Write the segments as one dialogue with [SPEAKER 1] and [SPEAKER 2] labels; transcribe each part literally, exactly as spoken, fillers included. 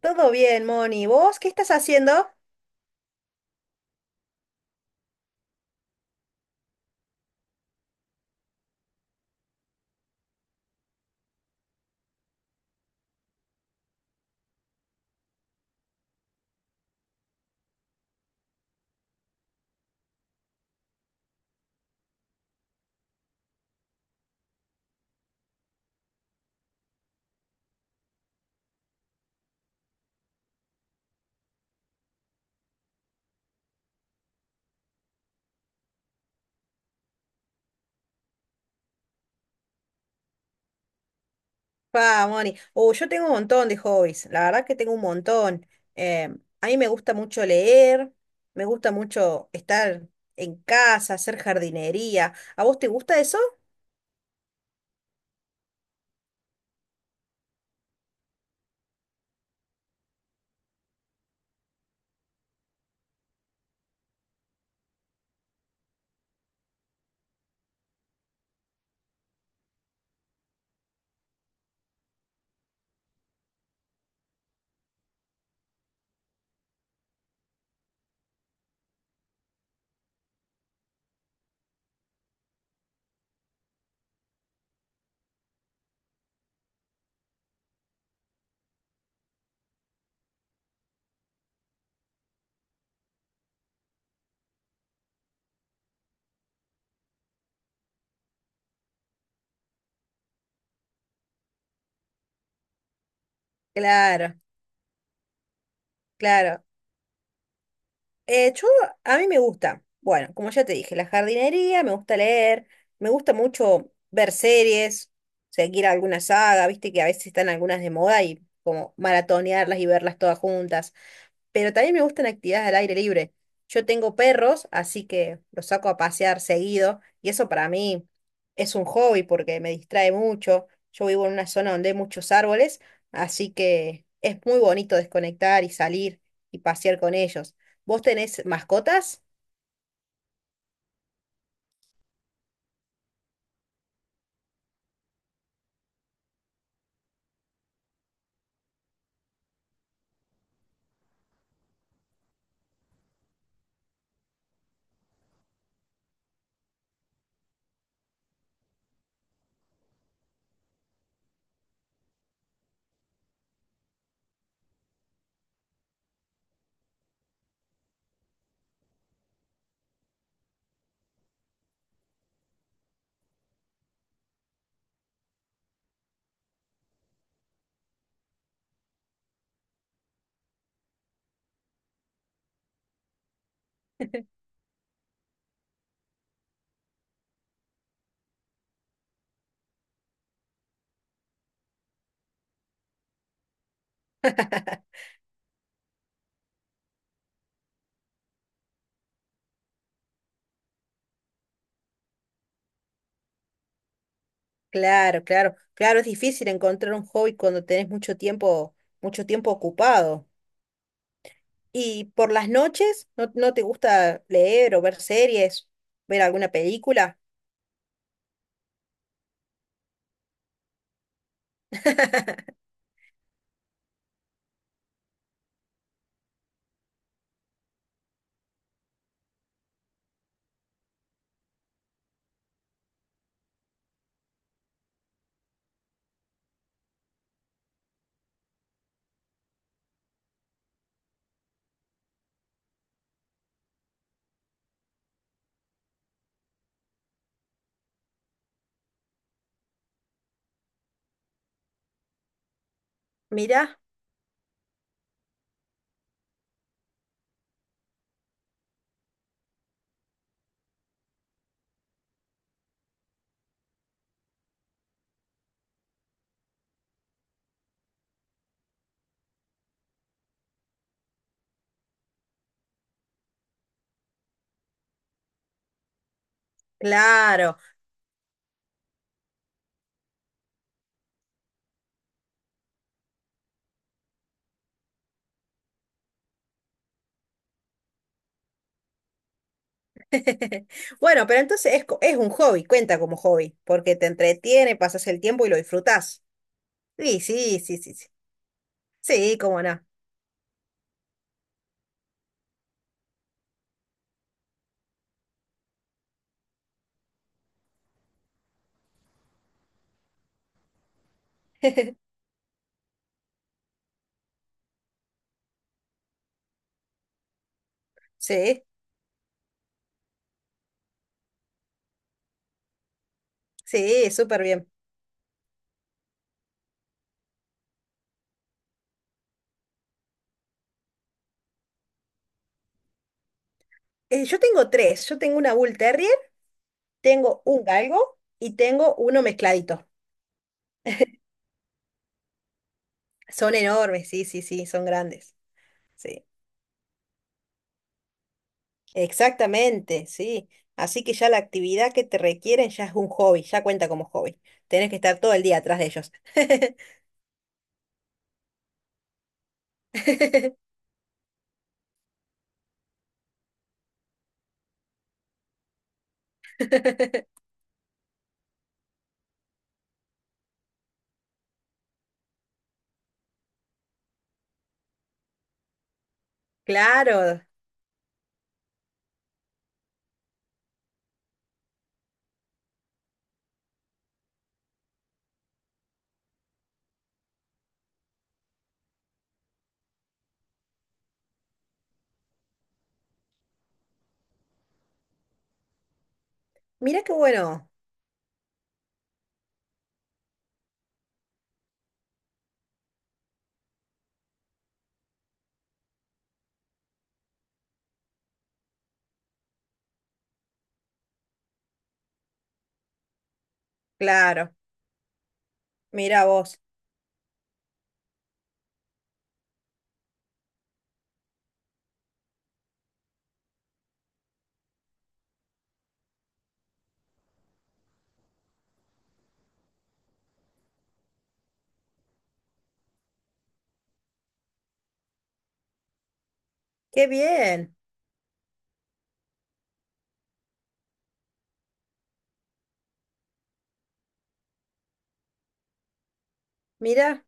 [SPEAKER 1] Todo bien, Moni. ¿Vos qué estás haciendo? Pa, Moni. Oh, yo tengo un montón de hobbies. La verdad que tengo un montón. Eh, a mí me gusta mucho leer, me gusta mucho estar en casa, hacer jardinería. ¿A vos te gusta eso? Claro, claro. Eh, yo, a mí me gusta. Bueno, como ya te dije, la jardinería, me gusta leer, me gusta mucho ver series, seguir alguna saga, viste que a veces están algunas de moda y como maratonearlas y verlas todas juntas. Pero también me gustan actividades al aire libre. Yo tengo perros, así que los saco a pasear seguido y eso para mí es un hobby porque me distrae mucho. Yo vivo en una zona donde hay muchos árboles, así que es muy bonito desconectar y salir y pasear con ellos. ¿Vos tenés mascotas? Claro, claro, claro, es difícil encontrar un hobby cuando tenés mucho tiempo, mucho tiempo ocupado. ¿Y por las noches no, no te gusta leer o ver series, ver alguna película? Mirá, claro. Bueno, pero entonces es, co- es un hobby, cuenta como hobby, porque te entretiene, pasas el tiempo y lo disfrutás. Sí, sí, sí, sí, sí. Sí, cómo no. Sí, sí, súper bien. Eh, yo tengo tres. Yo tengo una Bull Terrier, tengo un galgo y tengo uno mezcladito. Son enormes, sí, sí, sí, son grandes. Sí, exactamente, sí. Así que ya la actividad que te requieren ya es un hobby, ya cuenta como hobby. Tenés que estar todo el día atrás de ellos. Claro, mira qué bueno, claro, mira vos, qué bien, mira,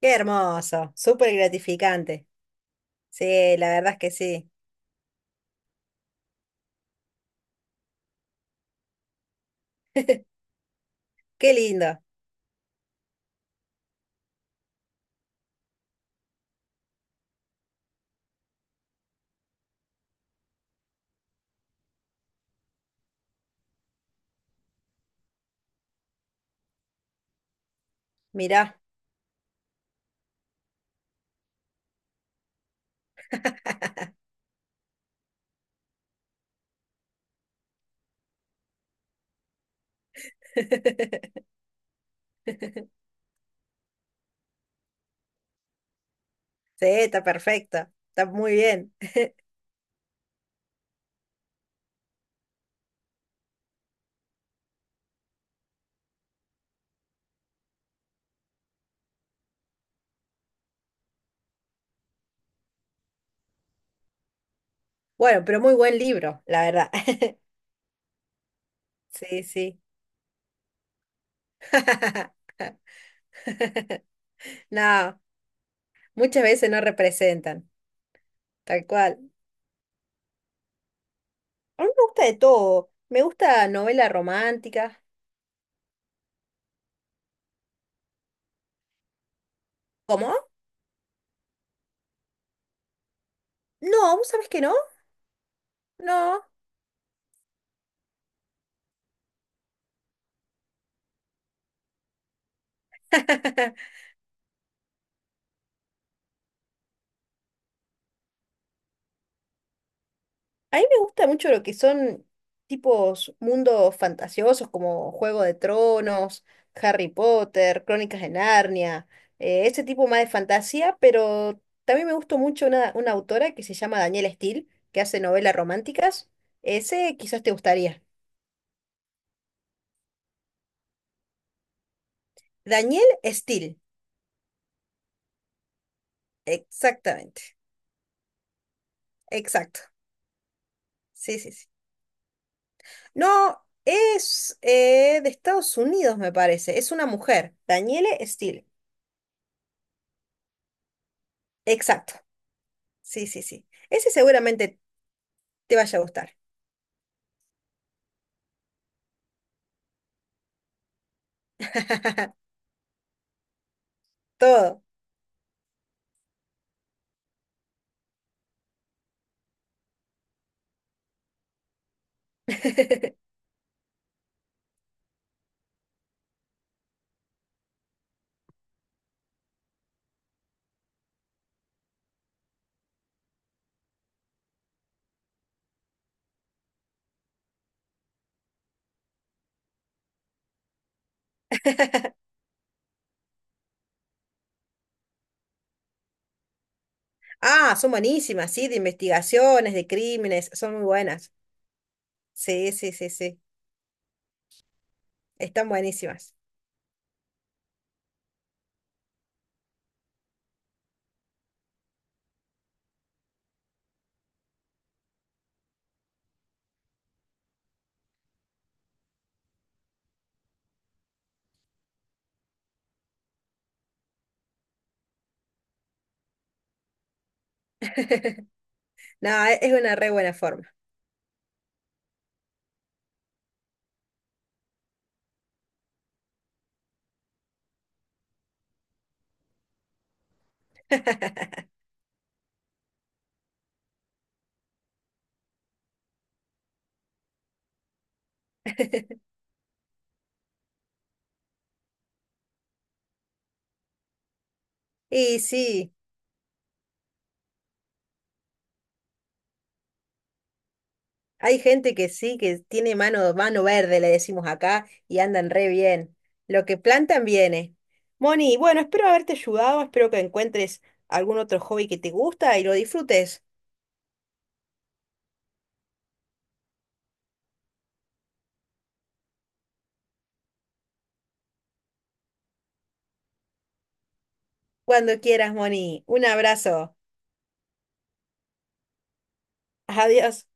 [SPEAKER 1] qué hermoso, súper gratificante. Sí, la verdad es que sí, qué lindo, mira, sí, está perfecto, está muy bien. Bueno, pero muy buen libro, la verdad. Sí, sí. No, muchas veces no representan, tal cual. A mí me gusta de todo, me gusta novela romántica. ¿Cómo? No, ¿vos sabés que no? No. A mí me gusta mucho lo que son tipos mundos fantasiosos como Juego de Tronos, Harry Potter, Crónicas de Narnia, eh, ese tipo más de fantasía, pero también me gustó mucho una, una autora que se llama Danielle Steel, que hace novelas románticas. Ese quizás te gustaría. Danielle Steel, exactamente, exacto. Sí, sí, sí. No, es eh, de Estados Unidos, me parece. Es una mujer, Danielle Steel, exacto. Sí, sí, sí. Ese seguramente te vaya a gustar. Todo. Ah, son buenísimas, sí, de investigaciones, de crímenes, son muy buenas. Sí, sí, sí, sí. Están buenísimas. No, e- es una re buena forma. Y sí, hay gente que sí, que tiene mano, mano verde, le decimos acá, y andan re bien. Lo que plantan viene. Moni, bueno, espero haberte ayudado, espero que encuentres algún otro hobby que te gusta y lo disfrutes. Cuando quieras, Moni. Un abrazo. Adiós.